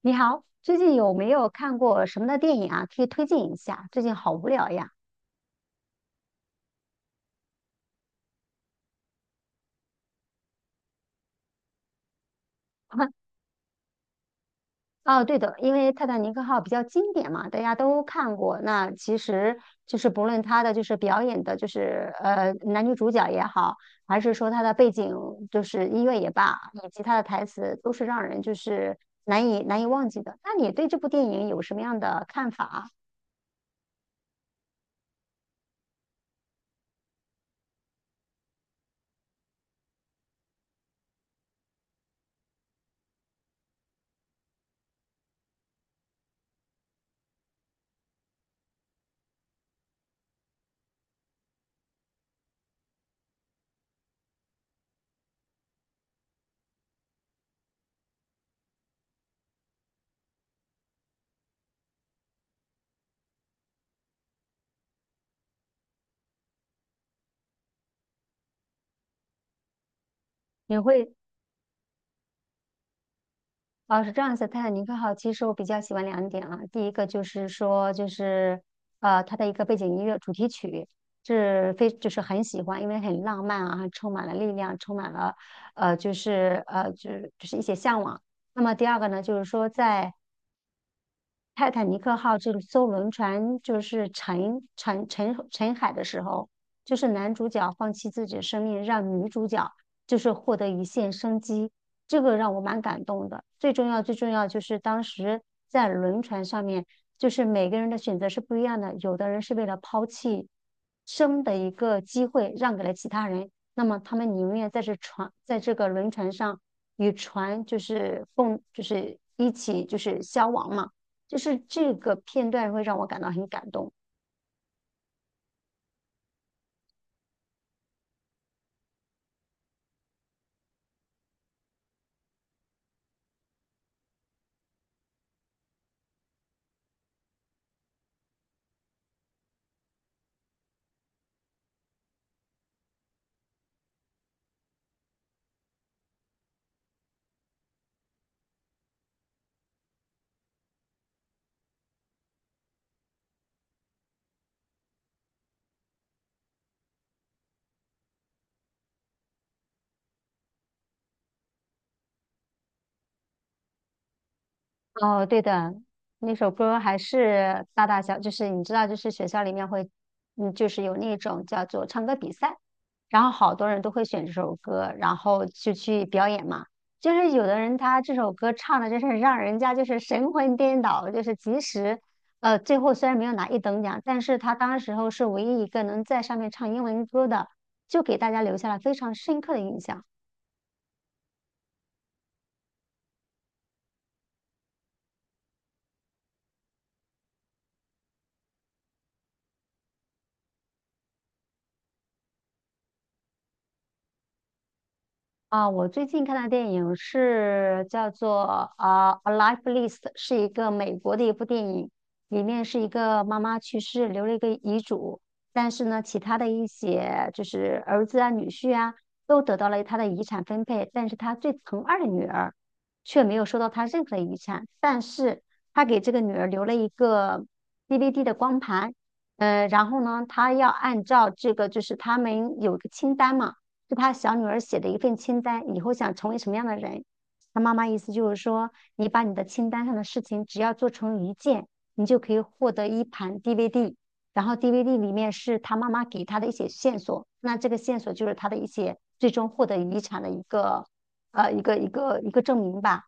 你好，最近有没有看过什么的电影啊？可以推荐一下。最近好无聊呀。哦，对的，因为《泰坦尼克号》比较经典嘛，大家都看过。那其实就是不论它的就是表演的，就是男女主角也好，还是说它的背景就是音乐也罢，以及它的台词，都是让人就是难以忘记的。那你对这部电影有什么样的看法啊？你会哦，是这样子，《泰坦尼克号》其实我比较喜欢两点啊。第一个就是说，就是它的一个背景音乐主题曲是非就是很喜欢，因为很浪漫啊，充满了力量，充满了就是一些向往。那么第二个呢，就是说在泰坦尼克号这艘轮船就是沉海的时候，就是男主角放弃自己的生命，让女主角就是获得一线生机，这个让我蛮感动的。最重要最重要就是当时在轮船上面，就是每个人的选择是不一样的，有的人是为了抛弃生的一个机会让给了其他人，那么他们宁愿在这船在这个轮船上与船就是共就是一起就是消亡嘛。就是这个片段会让我感到很感动。哦，对的，那首歌还是大大小，就是你知道，就是学校里面会，就是有那种叫做唱歌比赛，然后好多人都会选这首歌，然后就去表演嘛。就是有的人他这首歌唱的，就是让人家就是神魂颠倒，就是即使，最后虽然没有拿一等奖，但是他当时候是唯一一个能在上面唱英文歌的，就给大家留下了非常深刻的印象。啊，我最近看的电影是叫做啊《A Life List》，是一个美国的一部电影，里面是一个妈妈去世留了一个遗嘱，但是呢，其他的一些就是儿子啊、女婿啊，都得到了他的遗产分配，但是他最疼爱的女儿却没有收到他任何的遗产，但是他给这个女儿留了一个 DVD 的光盘，然后呢，他要按照这个就是他们有一个清单嘛。是他小女儿写的一份清单，以后想成为什么样的人。他妈妈意思就是说，你把你的清单上的事情只要做成一件，你就可以获得一盘 DVD。然后 DVD 里面是他妈妈给他的一些线索，那这个线索就是他的一些最终获得遗产的一个一个证明吧。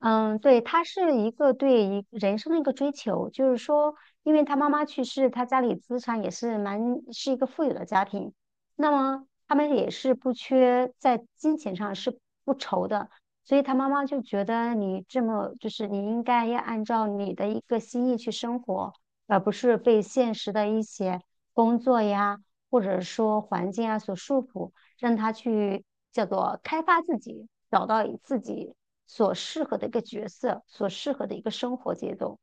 嗯，对，他是一个对一人生的一个追求，就是说，因为他妈妈去世，他家里资产也是蛮是一个富有的家庭，那么他们也是不缺在金钱上是不愁的，所以他妈妈就觉得你这么就是你应该要按照你的一个心意去生活，而不是被现实的一些工作呀，或者说环境啊所束缚。让他去叫做开发自己，找到自己所适合的一个角色，所适合的一个生活节奏。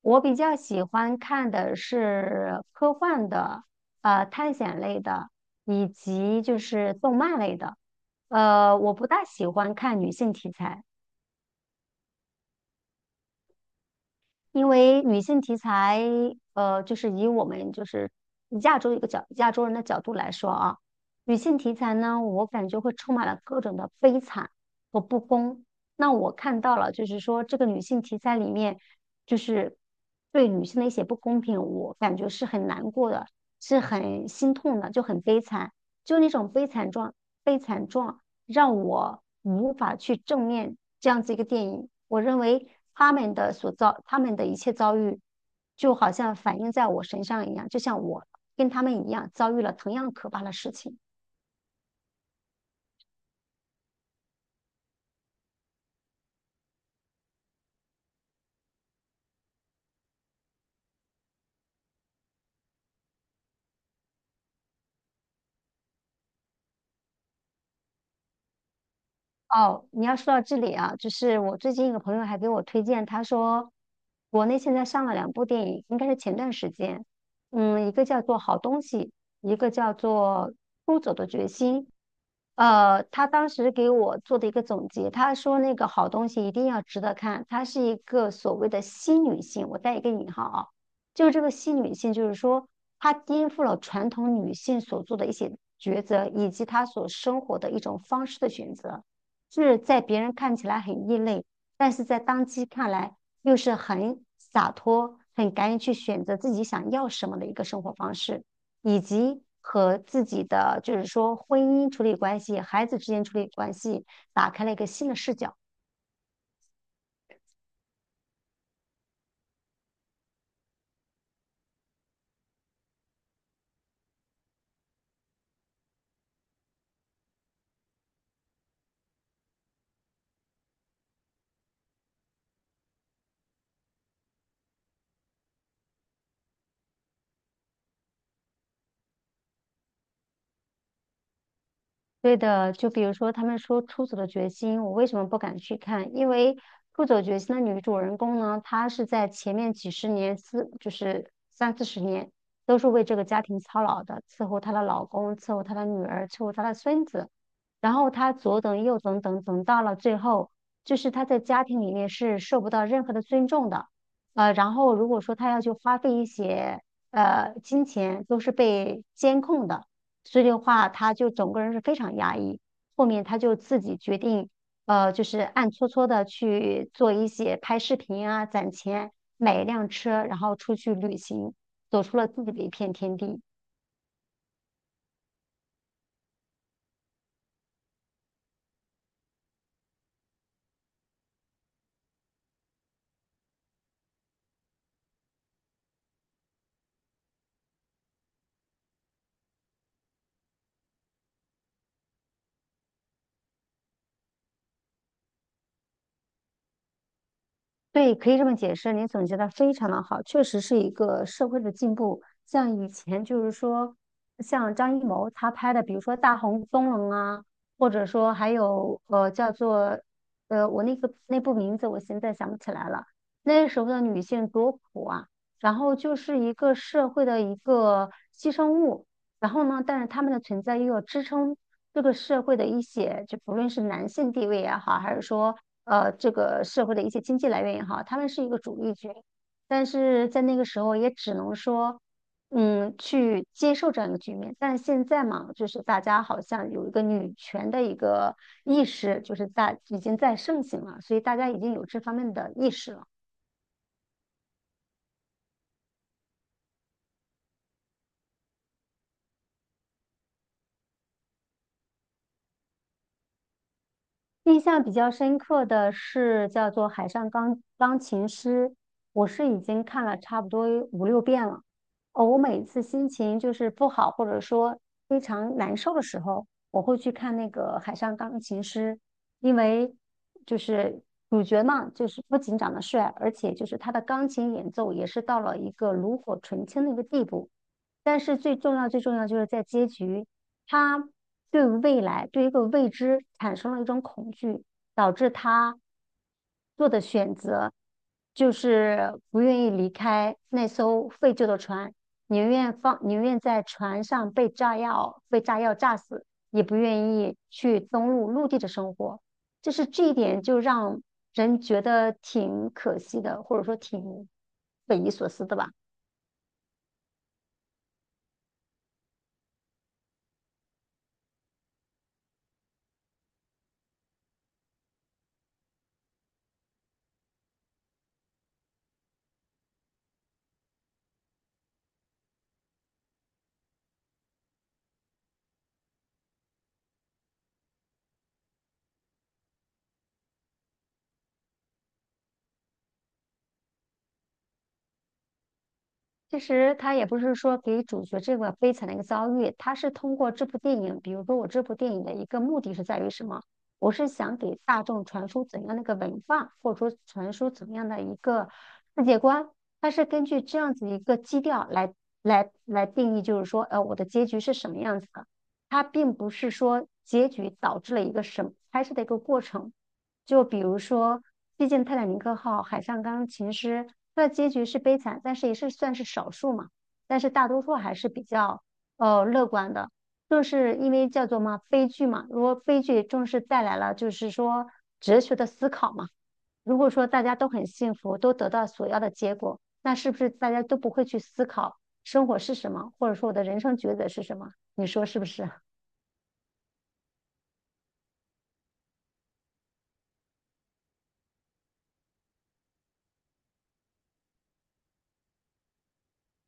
我比较喜欢看的是科幻的、探险类的，以及就是动漫类的。我不大喜欢看女性题材。因为女性题材，就是以我们就是亚洲人的角度来说啊，女性题材呢，我感觉会充满了各种的悲惨和不公。那我看到了，就是说这个女性题材里面，就是对女性的一些不公平，我感觉是很难过的，是很心痛的，就很悲惨，就那种悲惨状。让我无法去正面这样子一个电影。我认为他们的一切遭遇，就好像反映在我身上一样，就像我跟他们一样遭遇了同样可怕的事情。哦，你要说到这里啊，就是我最近一个朋友还给我推荐，他说国内现在上了两部电影，应该是前段时间，一个叫做《好东西》，一个叫做《出走的决心》。他当时给我做的一个总结，他说那个好东西一定要值得看，它是一个所谓的新女性，我带一个引号啊，就是这个新女性，就是说她颠覆了传统女性所做的一些抉择，以及她所生活的一种方式的选择。是在别人看起来很异类，但是在当机看来又是很洒脱、很敢于去选择自己想要什么的一个生活方式，以及和自己的就是说婚姻处理关系、孩子之间处理关系，打开了一个新的视角。对的，就比如说他们说《出走的决心》，我为什么不敢去看？因为《出走决心》的女主人公呢，她是在前面几十年，就是三四十年，都是为这个家庭操劳的，伺候她的老公，伺候她的女儿，伺候她的孙子，然后她左等右等等等到了最后，就是她在家庭里面是受不到任何的尊重的，然后如果说她要去花费一些金钱，都是被监控的。所以的话，他就整个人是非常压抑。后面他就自己决定，就是暗搓搓的去做一些拍视频啊，攒钱买一辆车，然后出去旅行，走出了自己的一片天地。对，可以这么解释，你总结的非常的好，确实是一个社会的进步。像以前就是说，像张艺谋他拍的，比如说《大红灯笼》啊，或者说还有叫做我那个那部名字我现在想不起来了。那时候的女性多苦啊，然后就是一个社会的一个牺牲物，然后呢，但是她们的存在又要支撑这个社会的一些，就不论是男性地位也好，还是说这个社会的一些经济来源也好，他们是一个主力军，但是在那个时候也只能说，去接受这样一个局面。但是现在嘛，就是大家好像有一个女权的一个意识，就是在已经在盛行了，所以大家已经有这方面的意识了。印象比较深刻的是叫做《海上钢琴师》，我是已经看了差不多五六遍了。哦，我每次心情就是不好，或者说非常难受的时候，我会去看那个《海上钢琴师》，因为就是主角嘛，就是不仅长得帅，而且就是他的钢琴演奏也是到了一个炉火纯青的一个地步。但是最重要、最重要就是在结局。他对未来，对一个未知产生了一种恐惧，导致他做的选择就是不愿意离开那艘废旧的船，宁愿在船上被炸药炸死，也不愿意去登陆陆地的生活。就是这一点，就让人觉得挺可惜的，或者说挺匪夷所思的吧。其实他也不是说给主角这个悲惨的一个遭遇，他是通过这部电影，比如说我这部电影的一个目的是在于什么？我是想给大众传输怎样的一个文化，或者说传输怎样的一个世界观。它是根据这样子一个基调来定义，就是说，我的结局是什么样子的。它并不是说结局导致了一个什么拍摄的一个过程，就比如说，毕竟《泰坦尼克号》海上钢琴师，它的结局是悲惨，但是也是算是少数嘛。但是大多数还是比较乐观的，正是因为叫做嘛悲剧嘛。如果悲剧正是带来了就是说哲学的思考嘛。如果说大家都很幸福，都得到所要的结果，那是不是大家都不会去思考生活是什么，或者说我的人生抉择是什么？你说是不是？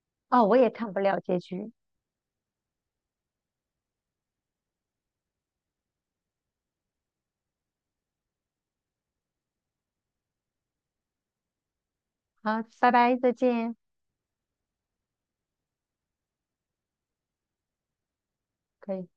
哦，我也看不了结局。好，拜拜，再见。可以。